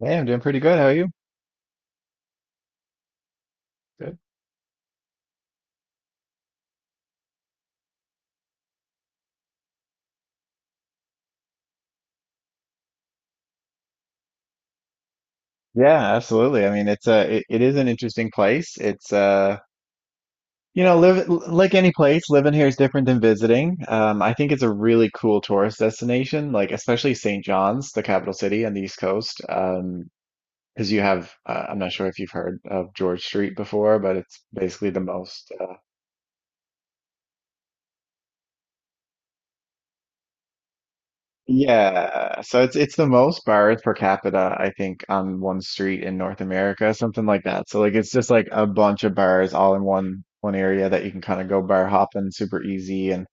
Hey, I'm doing pretty good. How are you? Good. Yeah, absolutely. I mean, it is an interesting place. It's live like any place, living here is different than visiting. I think it's a really cool tourist destination, like especially St. John's, the capital city on the East Coast. Because you have I'm not sure if you've heard of George Street before, but it's basically the most Yeah, so it's the most bars per capita, I think, on one street in North America, something like that. So like it's just like a bunch of bars all in one area that you can kind of go bar hopping super easy. And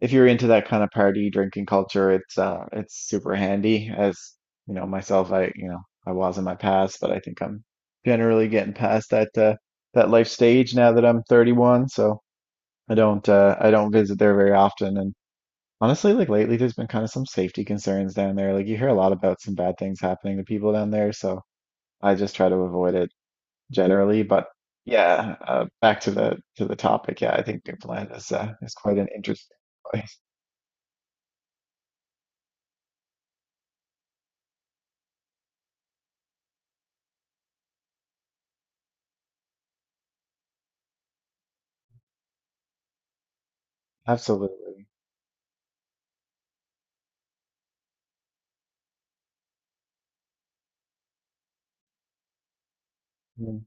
if you're into that kind of party drinking culture, it's it's super handy. As you know, myself, I I was in my past, but I think I'm generally getting past that life stage now that I'm 31. So I don't visit there very often, and honestly, like lately, there's been kind of some safety concerns down there. Like you hear a lot about some bad things happening to people down there, so I just try to avoid it generally. But yeah, back to the topic. Yeah, I think Newfoundland is quite an interesting place. Absolutely. Mm,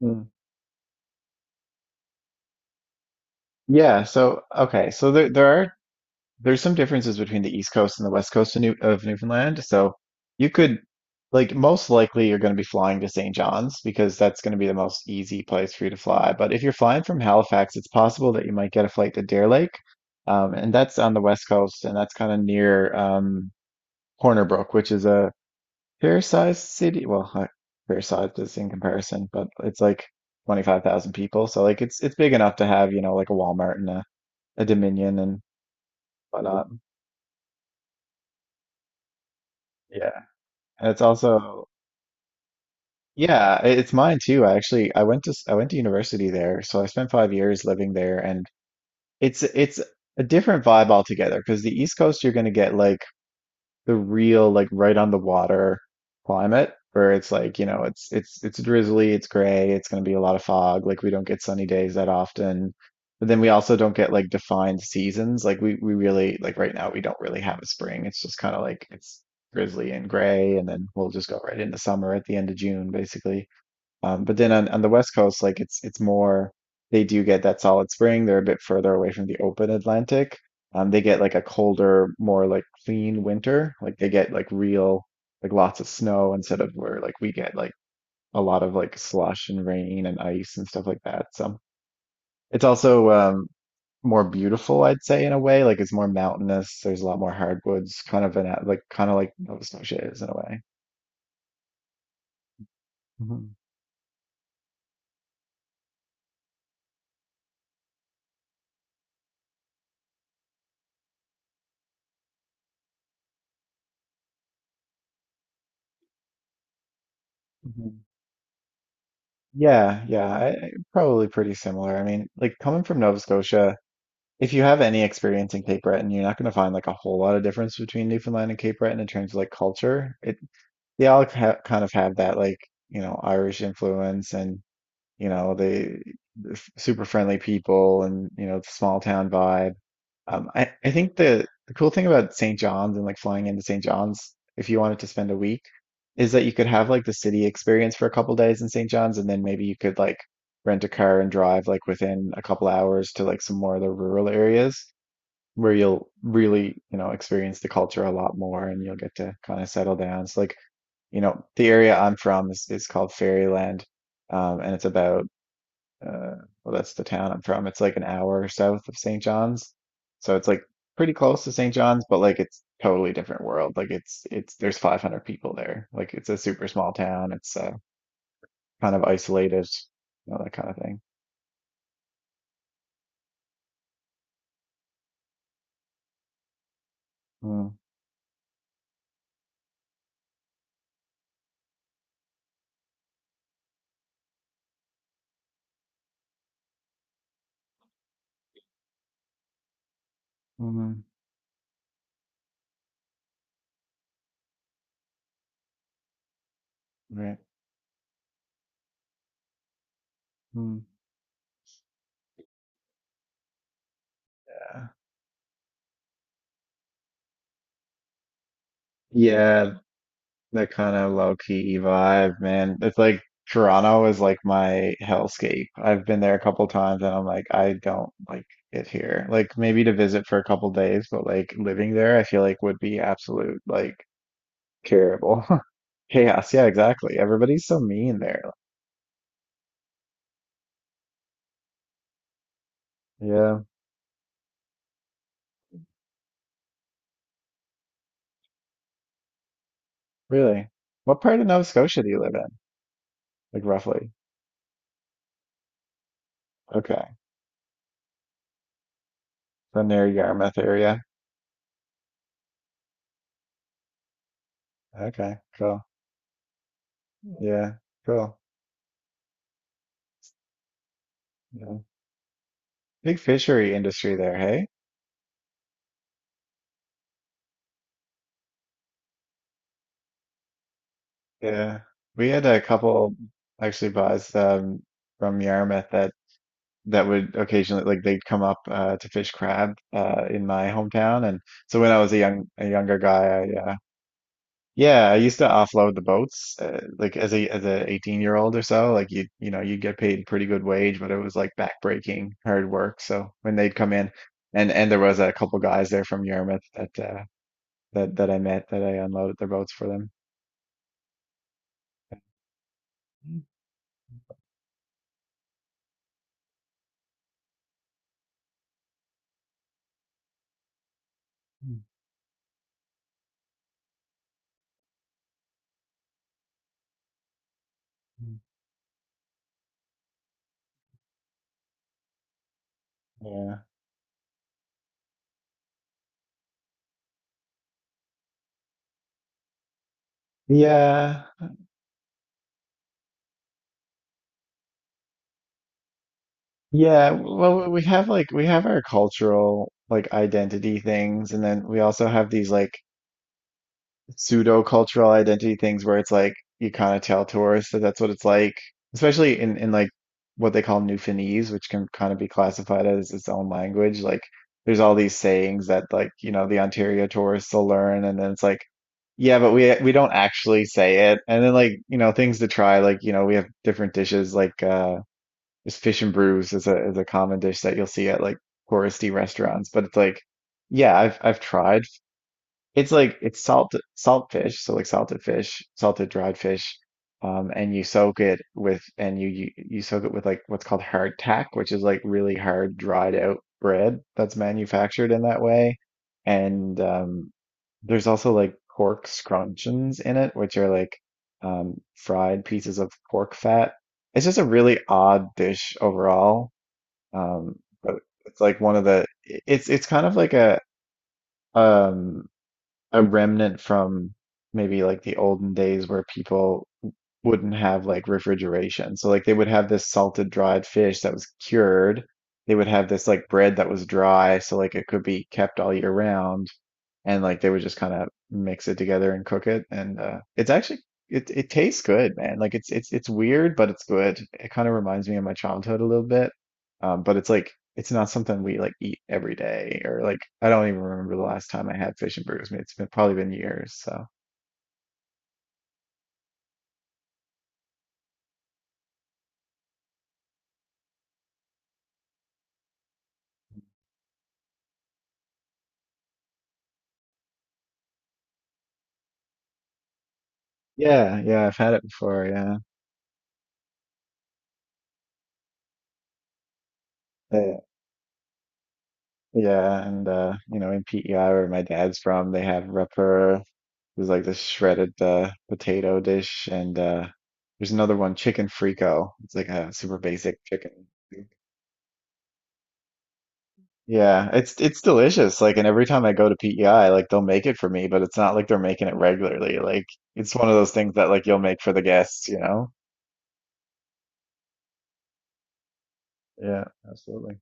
mm. Yeah. So okay, so there are there's some differences between the East Coast and the West Coast of, Newfoundland. So you could, like, most likely you're going to be flying to St. John's because that's going to be the most easy place for you to fly. But if you're flying from Halifax, it's possible that you might get a flight to Deer Lake. And that's on the West Coast, and that's kind of near Corner Brook, which is a fair-sized city. Fair-sized is in comparison, but it's like 25,000 people. So, like, it's big enough to have, you know, like a Walmart and a Dominion and whatnot. Yeah. And it's also, yeah, it's mine too. I actually I went to s- I went to university there, so I spent 5 years living there, and it's a different vibe altogether. Because the East Coast, you're going to get like the real like right on the water climate where it's like, you know, it's drizzly, it's gray, it's going to be a lot of fog. Like we don't get sunny days that often. But then we also don't get like defined seasons. Like we really like right now we don't really have a spring. It's just kind of like it's drizzly and gray and then we'll just go right into summer at the end of June basically. But then on the West Coast, like it's more they do get that solid spring. They're a bit further away from the open Atlantic. They get like a colder, more like clean winter. Like they get like real like lots of snow instead of where like we get like a lot of like slush and rain and ice and stuff like that. So it's also more beautiful, I'd say, in a way. Like it's more mountainous. There's a lot more hardwoods, kind of like kind of like Nova Scotia is in a way. Mhm. Yeah, yeah, probably pretty similar. I mean, like coming from Nova Scotia, if you have any experience in Cape Breton, you're not going to find like a whole lot of difference between Newfoundland and Cape Breton in terms of like culture. It they all ha kind of have that like you know Irish influence and you know they're super friendly people and you know the small town vibe. I think the cool thing about St. John's and like flying into St. John's, if you wanted to spend a week, is that you could have like the city experience for a couple days in St. John's, and then maybe you could like rent a car and drive like within a couple hours to like some more of the rural areas where you'll really, you know, experience the culture a lot more and you'll get to kind of settle down. So like, you know, the area I'm from is called Fairyland, and it's about uh, well, that's the town I'm from. It's like an hour south of St. John's. So it's like pretty close to St. John's, but like it's totally different world. Like it's there's 500 people there. Like it's a super small town. It's kind of isolated, you know, that kind of thing. Mm, mhm, right. Mm. Yeah, that kind of low key vibe, man. It's like Toronto is like my hellscape. I've been there a couple times and I'm like, I don't like it here. Like maybe to visit for a couple days, but like living there, I feel like would be absolute like terrible chaos. Yeah, exactly. Everybody's so mean there. Yeah, really. What part of Nova Scotia do you live in? Like roughly. Okay. So near Yarmouth area. Okay, cool. Yeah, cool. Yeah. Big fishery industry there, hey? Yeah, we had a couple actually buys from Yarmouth that would occasionally like they'd come up to fish crab in my hometown, and so when I was a younger guy, I yeah I used to offload the boats like as a 18-year-old or so like you know you'd get paid pretty good wage, but it was like backbreaking hard work. So when they'd come in, and there was a couple guys there from Yarmouth that that I met that I unloaded their boats for them. Mhm. Yeah. Yeah. Yeah. Well, we have like we have our cultural like identity things, and then we also have these like pseudo cultural identity things where it's like you kind of tell tourists that that's what it's like, especially in like what they call Newfoundlandese, which can kind of be classified as its own language. Like there's all these sayings that like, you know, the Ontario tourists will learn, and then it's like yeah, but we don't actually say it. And then like, you know, things to try, like, you know, we have different dishes like is fish and brews is a common dish that you'll see at like touristy restaurants. But it's like, yeah, I've tried. It's like it's salt salt fish, so like salted fish, salted dried fish, and you soak it with and you soak it with like what's called hardtack, which is like really hard dried out bread that's manufactured in that way. And there's also like pork scrunchions in it, which are like fried pieces of pork fat. It's just a really odd dish overall, um, but it's like one of the it's kind of like um a remnant from maybe like the olden days where people wouldn't have like refrigeration. So like they would have this salted dried fish that was cured. They would have this like bread that was dry, so like it could be kept all year round and like they would just kind of mix it together and cook it and it's actually it tastes good man like it's weird but it's good. It kind of reminds me of my childhood a little bit, but it's like it's not something we like eat every day or like I don't even remember the last time I had fish and burgers. I mean, it's been probably been years so yeah yeah I've had it before. Yeah. Uh, yeah and you know in PEI where my dad's from they have Rapper. There's like this shredded potato dish, and there's another one, chicken frico. It's like a super basic chicken soup. Yeah, it's delicious. Like, and every time I go to PEI, like they'll make it for me, but it's not like they're making it regularly. Like, it's one of those things that like you'll make for the guests, you know? Yeah, absolutely.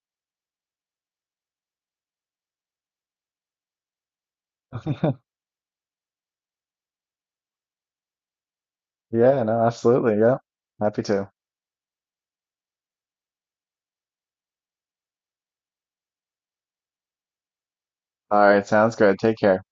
Yeah, no, absolutely. Yeah, happy to. All right, sounds good. Take care.